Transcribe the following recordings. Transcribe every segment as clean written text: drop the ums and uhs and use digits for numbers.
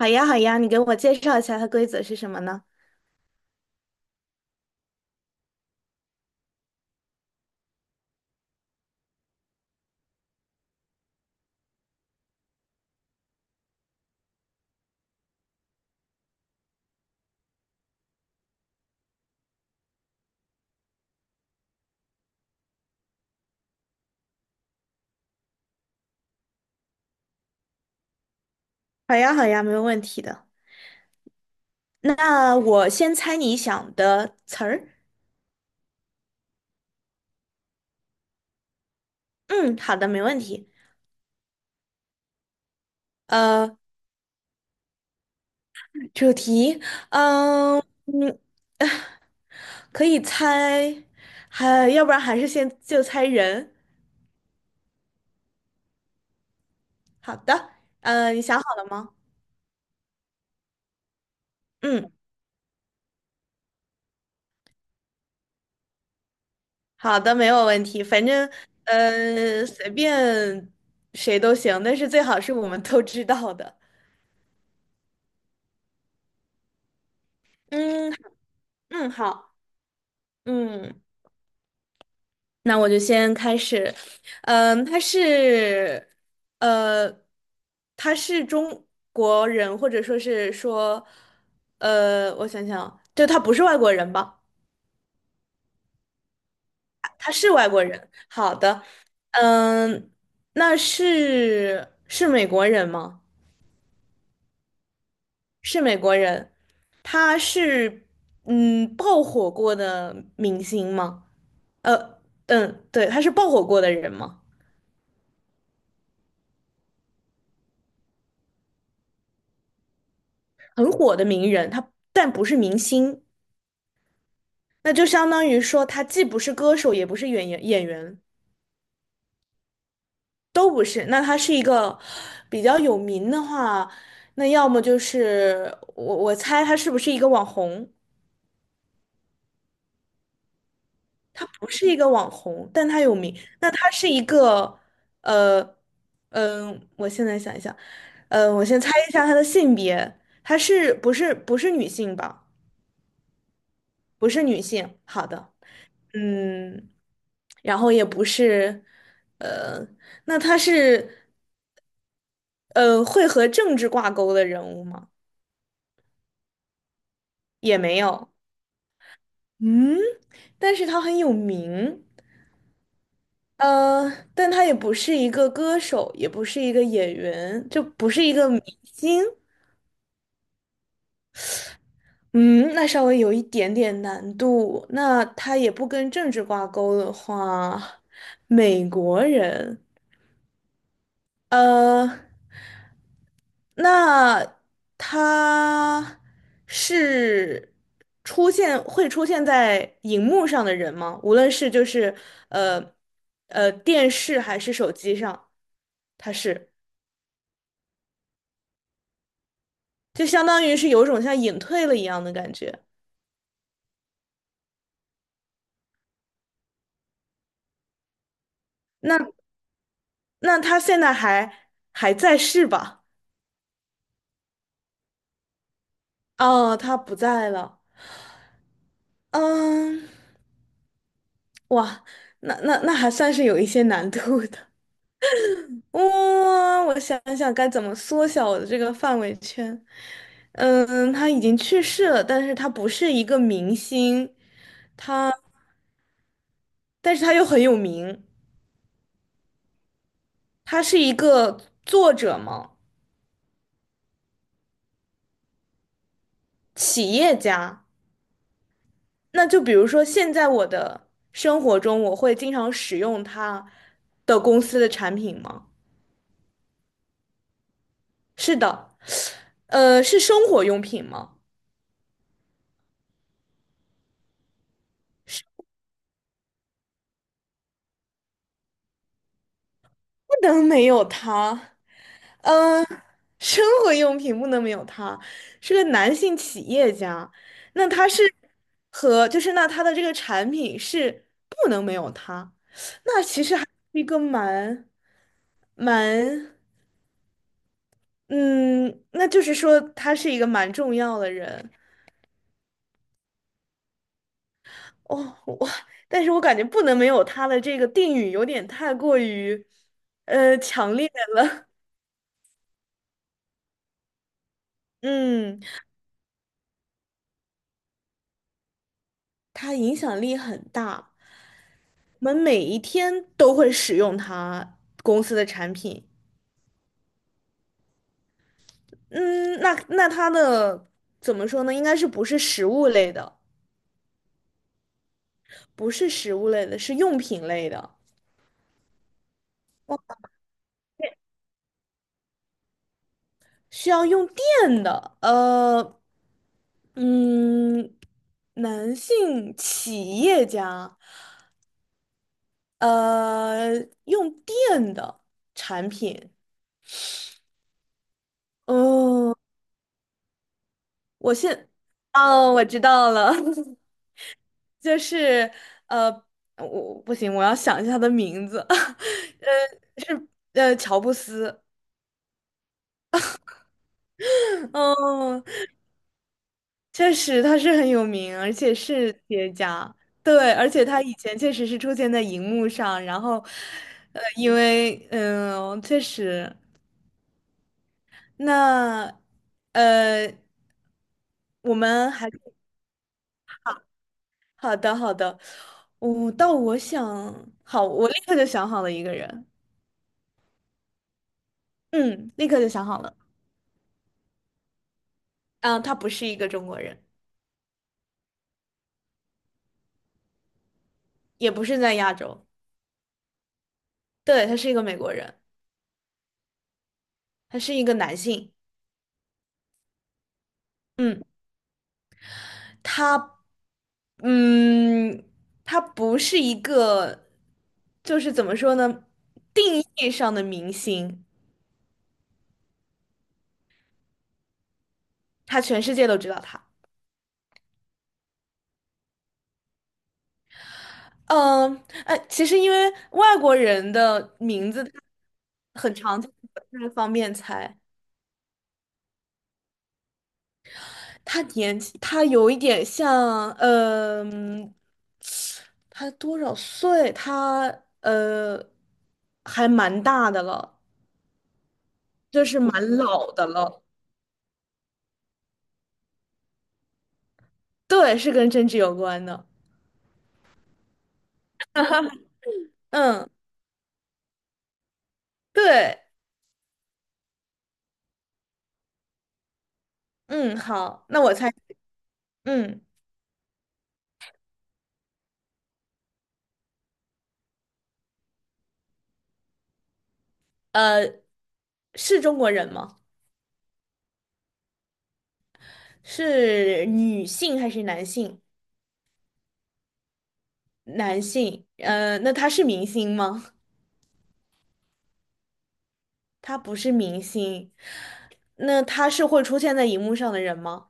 好呀，好呀，你给我介绍一下它规则是什么呢？好呀，好呀，没有问题的。那我先猜你想的词儿。嗯，好的，没问题。呃，主题，嗯嗯，呃可以猜，还要不然还是先就猜人。好的，你想好了吗？嗯，好的，没有问题。反正随便谁都行，但是最好是我们都知道的。嗯嗯，好。嗯，那我就先开始。嗯，呃，他是中国人，或者说,我想想啊，就他不是外国人吧？他是外国人。好的，嗯，那是美国人吗？是美国人。他是嗯爆火过的明星吗？呃，对，他是爆火过的人吗？很火的名人，他但不是明星。那就相当于说，他既不是歌手，也不是演员，都不是。那他是一个比较有名的话，那要么就是我猜他是不是一个网红？他不是一个网红，但他有名。那他是一个呃我现在想一想，呃，我先猜一下他的性别，他不是女性吧？不是女性。好的，嗯，然后也不是，呃，那他是。会和政治挂钩的人物吗？也没有。嗯，但是他很有名。呃，但他也不是一个歌手，也不是一个演员，就不是一个明星。嗯，那稍微有一点点难度。那他也不跟政治挂钩的话，美国人。呃。那他是会出现在荧幕上的人吗？无论是呃电视还是手机上，他是就相当于是有种像隐退了一样的感觉。那那他现在还在世吧？哦，他不在了。嗯，哇，那还算是有一些难度的。哇，我想想该怎么缩小我的这个范围圈。嗯，他已经去世了，但是他不是一个明星，但是他又很有名。他是一个作者嘛，企业家。那就比如说，现在我的生活中，我会经常使用他的公司的产品吗？是的，是生活用品吗？不能没有他。生活用品不能没有他，是个男性企业家，那他是 和就是那他的这个产品是不能没有他，一个蛮嗯，那就是说他是一个蛮重要的人哦，但是我感觉不能没有他的这个定语有点太过于强烈了，嗯，他影响力很大，我们每一天都会使用他公司的产品。嗯，那它的怎么说呢？应该是不是食物类的，不是食物类的，是用品类的，需要用电的。呃，嗯，男性企业家，呃，用电的产品。哦，我现，哦，我知道了，就是呃，我不行，我要想一下他的名字，是乔布斯。哦。确实他是很有名，而且是 企业家。对，而且他以前确实是出现在荧幕上，然后，因为确实，那呃，我们还好的好的，到我想好，我立刻就想好了一个人，嗯，立刻就想好了，啊，他不是一个中国人，也不是在亚洲，对，他是一个美国人，他是一个男性，嗯。他，嗯，他不是一个，就是怎么说呢，定义上的明星，他全世界都知道他。嗯，哎，其实因为外国人的名字他很常见，这个方面猜。他年纪，他有一点像，他多少岁？他呃，还蛮大的了，就是蛮老的了。对，是跟政治有关的。嗯。对，嗯，好，那我猜，嗯，呃，是中国人吗？是女性还是男性？男性，那他是明星吗？他不是明星，那他是会出现在荧幕上的人吗？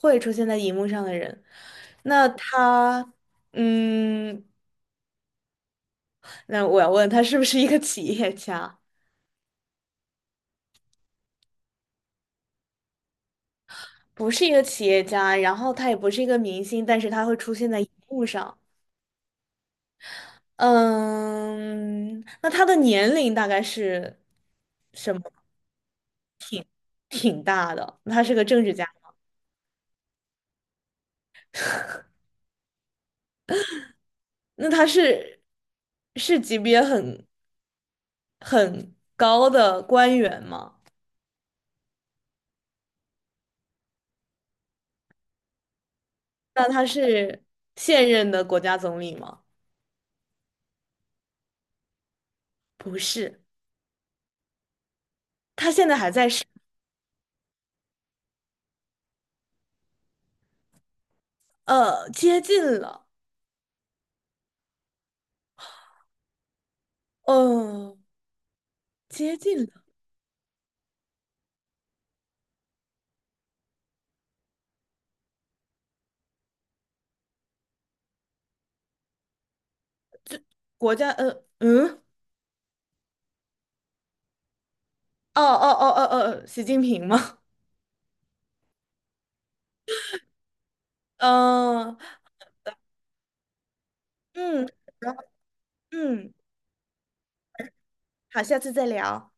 会出现在荧幕上的人，那他，嗯，那我要问他是不是一个企业家？不是一个企业家，然后他也不是一个明星，但是他会出现在荧幕上。嗯，那他的年龄大概是什么？挺大的，他是个政治家，那他是是级别很高的官员吗？那他是现任的国家总理吗？不是，他现在还在世，呃，接近了，呃，接近了，国家，呃，嗯，哦哦哦哦哦，习近平吗？嗯、嗯，然后嗯，好，下次再聊。